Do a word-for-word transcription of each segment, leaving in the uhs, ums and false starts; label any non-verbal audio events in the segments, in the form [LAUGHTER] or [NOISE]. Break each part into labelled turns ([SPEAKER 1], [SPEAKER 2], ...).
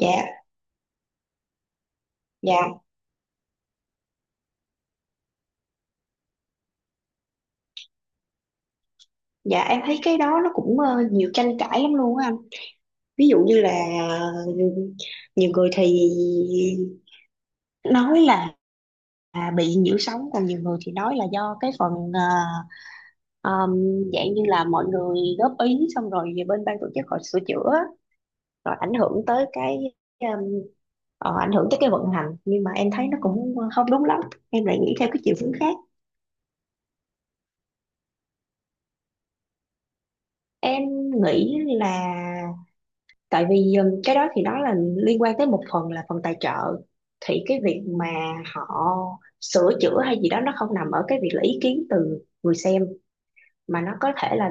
[SPEAKER 1] Dạ, dạ, dạ, em thấy cái đó nó cũng ờ, nhiều tranh cãi lắm luôn á anh. Ví dụ như là ờ, nhiều người thì nói là à, bị nhiễu sóng, còn nhiều người thì nói là do cái phần ờ, um, dạng như là mọi người góp ý xong rồi về bên ban tổ chức họ sửa chữa rồi ảnh hưởng tới cái um, ờ, ảnh hưởng tới cái vận hành. Nhưng mà em thấy nó cũng không đúng lắm. Em lại nghĩ theo cái chiều hướng khác. Em nghĩ là tại vì um, cái đó thì đó là liên quan tới một phần là phần tài trợ, thì cái việc mà họ sửa chữa hay gì đó nó không nằm ở cái việc là ý kiến từ người xem, mà nó có thể là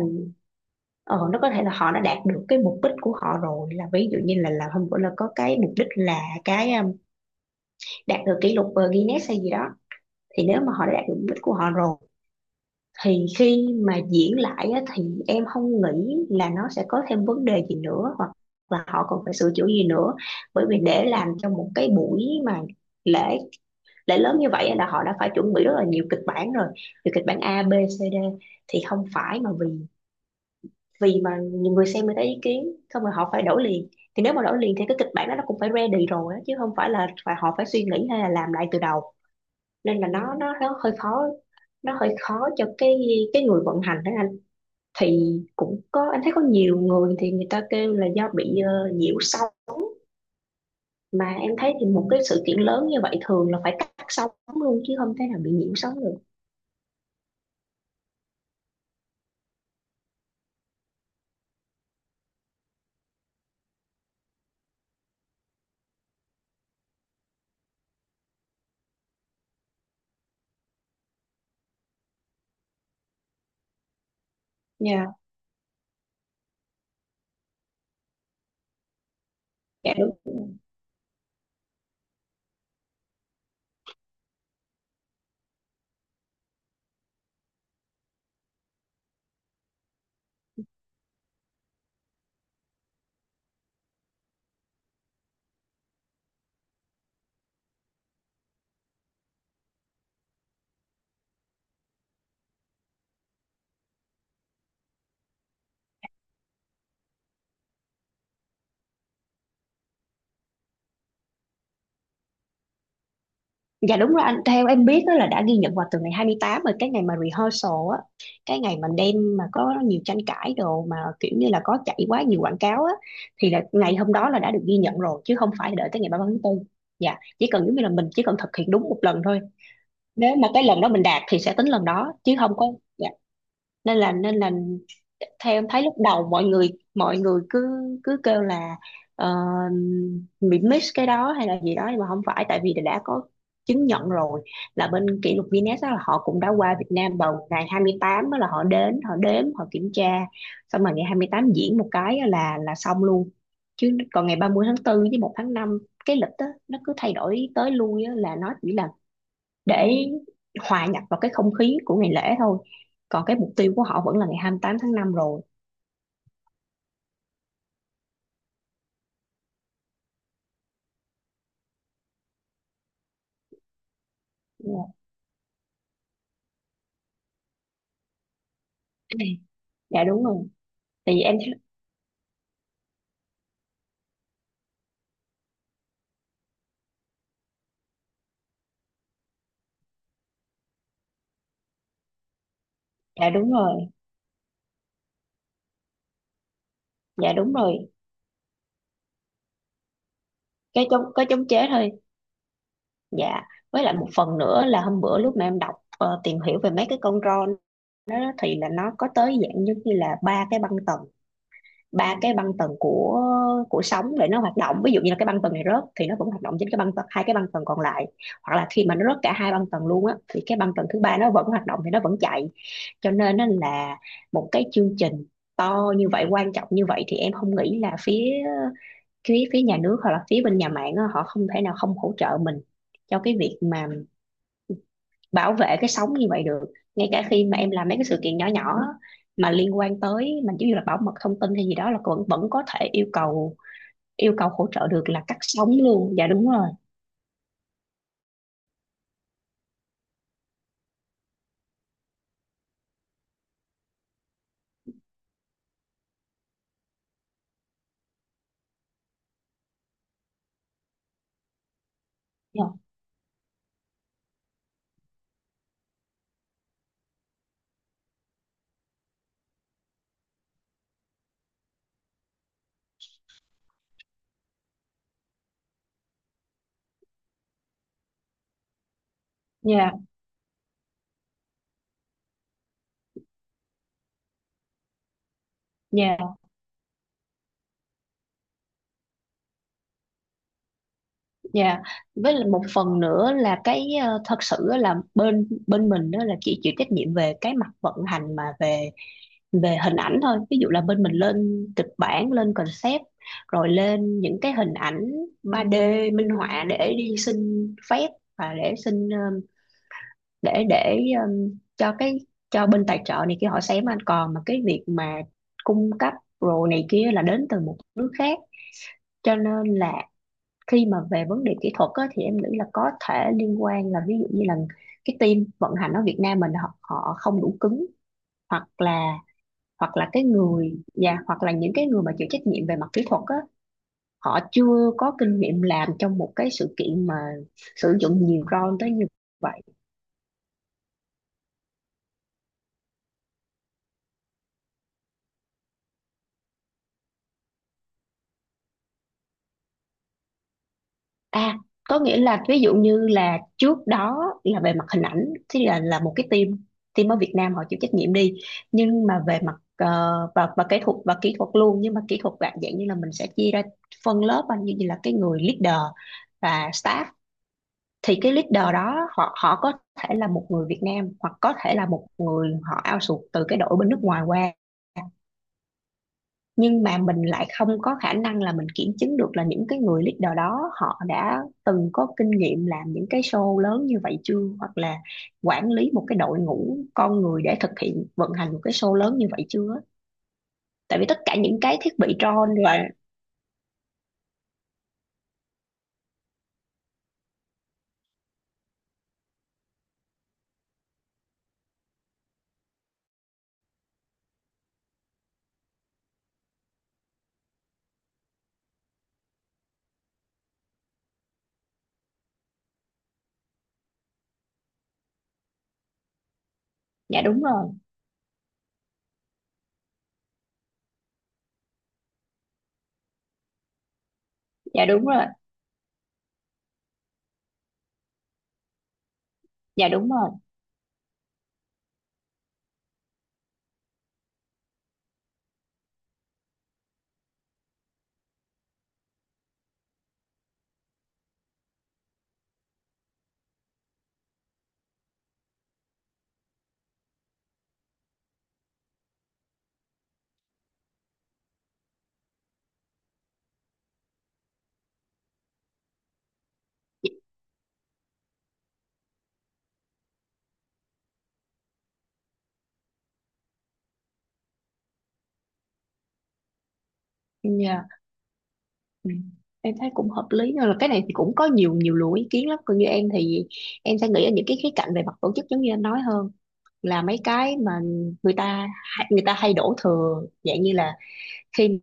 [SPEAKER 1] ờ, nó có thể là họ đã đạt được cái mục đích của họ rồi. Là ví dụ như là là hôm bữa là có cái mục đích là cái um, đạt được kỷ lục uh, Guinness hay gì đó. Thì nếu mà họ đã đạt được mục đích của họ rồi thì khi mà diễn lại á, thì em không nghĩ là nó sẽ có thêm vấn đề gì nữa hoặc là họ còn phải sửa chữa gì nữa. Bởi vì để làm cho một cái buổi mà lễ lễ lớn như vậy á, là họ đã phải chuẩn bị rất là nhiều kịch bản rồi, từ kịch bản A B C D. Thì không phải mà vì vì mà nhiều người xem, người ta ý kiến xong rồi họ phải đổi liền. Thì nếu mà đổi liền thì cái kịch bản đó nó cũng phải ready rồi á, chứ không phải là phải họ phải suy nghĩ hay là làm lại từ đầu. Nên là nó nó nó hơi khó, nó hơi khó cho cái cái người vận hành đó. Thì cũng có, em thấy có nhiều người thì người ta kêu là do bị ờ, nhiễu sóng, mà em thấy thì một cái sự kiện lớn như vậy thường là phải cắt sóng luôn chứ không thể nào bị nhiễu sóng được. Dạ, dạ đúng. Dạ đúng rồi anh, theo em biết á là đã ghi nhận vào từ ngày hai mươi tám rồi, cái ngày mà rehearsal á, cái ngày mà đêm mà có nhiều tranh cãi đồ mà kiểu như là có chạy quá nhiều quảng cáo á, thì là ngày hôm đó là đã được ghi nhận rồi chứ không phải đợi tới ngày ba mươi tháng tư. Dạ, chỉ cần giống như là mình chỉ cần thực hiện đúng một lần thôi. Nếu mà cái lần đó mình đạt thì sẽ tính lần đó chứ không có. Dạ. nên là nên là theo em thấy lúc đầu mọi người mọi người cứ cứ kêu là ờ, bị miss cái đó hay là gì đó, nhưng mà không phải, tại vì đã có chứng nhận rồi. Là bên kỷ lục Guinness á, là họ cũng đã qua Việt Nam vào ngày hai mươi tám á, là họ đến họ đếm họ kiểm tra xong rồi ngày hai mươi tám diễn một cái á là là xong luôn. Chứ còn ngày ba mươi tháng tư với một tháng năm, cái lịch á, nó cứ thay đổi tới lui á, là nó chỉ là để hòa nhập vào cái không khí của ngày lễ thôi. Còn cái mục tiêu của họ vẫn là ngày hai mươi tám tháng năm rồi. Dạ. Dạ đúng rồi. Tại vì em. Dạ đúng rồi. Dạ đúng rồi. cái chống cái chống chế thôi. Dạ. Với lại một phần nữa là hôm bữa lúc mà em đọc ờ, tìm hiểu về mấy cái con ron đó. Thì là nó có tới dạng giống như là ba cái băng tần, ba cái băng tần của của sóng để nó hoạt động. Ví dụ như là cái băng tần này rớt thì nó vẫn hoạt động trên cái băng tần, hai cái băng tần còn lại. Hoặc là khi mà nó rớt cả hai băng tần luôn á thì cái băng tần thứ ba nó vẫn hoạt động, thì nó vẫn chạy. Cho nên á là một cái chương trình to như vậy, quan trọng như vậy, thì em không nghĩ là phía phía phía nhà nước hoặc là phía bên nhà mạng á, họ không thể nào không hỗ trợ mình cho cái việc mà bảo vệ cái sống như vậy được. Ngay cả khi mà em làm mấy cái sự kiện nhỏ nhỏ mà liên quan tới mình giống như là bảo mật thông tin hay gì đó là vẫn vẫn có thể yêu cầu, yêu cầu hỗ trợ được là cắt sóng luôn. Dạ đúng rồi. Dạ, dạ, dạ. Dạ. Với lại một phần nữa là cái ờ, thật sự á là bên bên mình đó là chỉ chịu trách nhiệm về cái mặt vận hành, mà về, về hình ảnh thôi. Ví dụ là bên mình lên kịch bản, lên concept, rồi lên những cái hình ảnh ba đê minh họa để đi xin phép, và để xin ờm, để để ờm, cho cái cho bên tài trợ này kia họ xem anh. Còn mà cái việc mà cung cấp rồi này kia là đến từ một nước khác. Cho nên là khi mà về vấn đề kỹ thuật á, thì em nghĩ là có thể liên quan là ví dụ như là cái team vận hành ở Việt Nam mình họ, họ không đủ cứng, hoặc là hoặc là cái người và hoặc là những cái người mà chịu trách nhiệm về mặt kỹ thuật á, họ chưa có kinh nghiệm làm trong một cái sự kiện mà sử dụng nhiều drone tới như vậy. À, có nghĩa là ví dụ như là trước đó là về mặt hình ảnh thì là là một cái team team ở Việt Nam họ chịu trách nhiệm đi. Nhưng mà về mặt ờ, và và kỹ thuật và kỹ thuật luôn. Nhưng mà kỹ thuật dạng dạng như là mình sẽ chia ra phân lớp anh, như là cái người leader và staff. Thì cái leader đó họ họ có thể là một người Việt Nam hoặc có thể là một người họ outsource từ cái đội bên nước ngoài qua. Nhưng mà mình lại không có khả năng là mình kiểm chứng được là những cái người leader đó họ đã từng có kinh nghiệm làm những cái show lớn như vậy chưa, hoặc là quản lý một cái đội ngũ con người để thực hiện vận hành một cái show lớn như vậy chưa. Tại vì tất cả những cái thiết bị drone và. Dạ đúng rồi, dạ đúng rồi, dạ đúng rồi, dạ. Ừ. Em thấy cũng hợp lý, nhưng là cái này thì cũng có nhiều nhiều luồng ý kiến lắm. Còn như em thì em sẽ nghĩ ở những cái khía cạnh về mặt tổ chức giống như anh nói hơn, là mấy cái mà người ta người ta hay đổ thừa dạng như là khi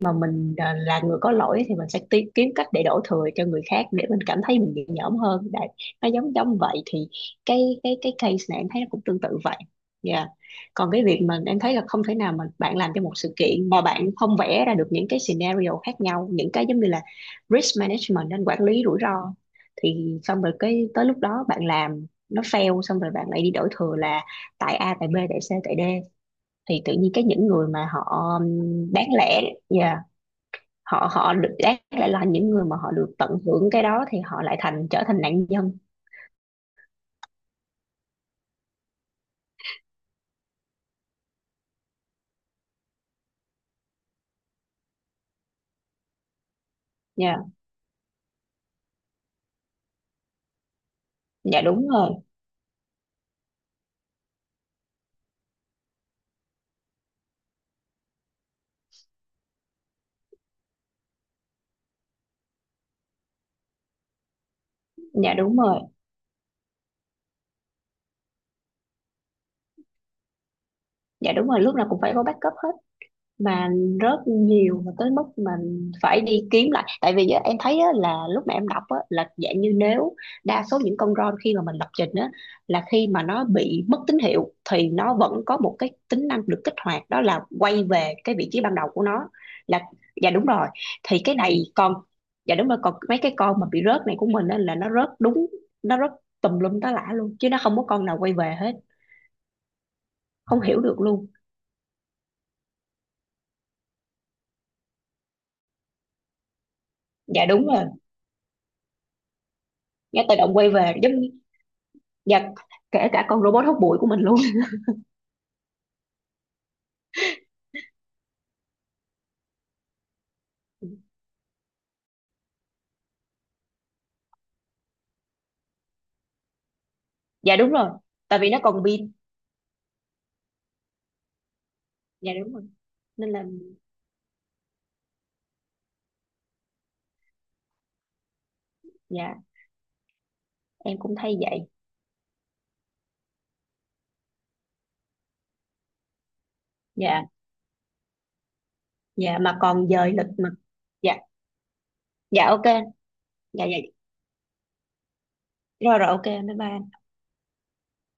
[SPEAKER 1] mà mình à, là người có lỗi thì mình sẽ ti- kiếm cách để đổ thừa cho người khác để mình cảm thấy mình nhẹ nhõm hơn đấy. Nó giống giống vậy. Thì cái cái cái case này em thấy nó cũng tương tự vậy. Dạ. Còn cái việc mà em thấy là không thể nào mà bạn làm cho một sự kiện mà bạn không vẽ ra được những cái scenario khác nhau, những cái giống như là risk management anh, quản lý rủi ro. Thì xong rồi cái tới lúc đó bạn làm nó fail xong rồi bạn lại đi đổ thừa là tại A tại B tại C tại D. Thì tự nhiên cái những người mà họ um, bán lẻ, yeah, họ họ được đáng lại là những người mà họ được tận hưởng cái đó thì họ lại thành trở thành nạn nhân. Dạ, dạ đúng rồi, dạ đúng rồi, dạ đúng rồi, lúc nào cũng phải có backup hết. Mà rớt nhiều, mà tới mức mình phải đi kiếm lại, tại vì á, em thấy á, là lúc mà em đọc á, là dạng như nếu đa số những con ROM khi mà mình lập trình á, là khi mà nó bị mất tín hiệu thì nó vẫn có một cái tính năng được kích hoạt, đó là quay về cái vị trí ban đầu của nó là. Dạ đúng rồi. Thì cái này còn. Dạ đúng rồi. Còn mấy cái con mà bị rớt này của mình á, là nó rớt đúng nó rớt tùm lum tá lả luôn chứ nó không có con nào quay về hết. Không hiểu được luôn. Dạ đúng rồi. Nó tự động quay về giống. Dạ. Kể cả con robot hút bụi của mình luôn. [LAUGHS] Dạ đúng rồi. Tại vì nó còn pin. Dạ đúng rồi. Nên là. Dạ, em cũng thấy vậy. Dạ, dạ, mà còn dời lịch mà. Dạ, dạ, ok. Dạ, dạ. Rồi, rồi, ok, bye bye.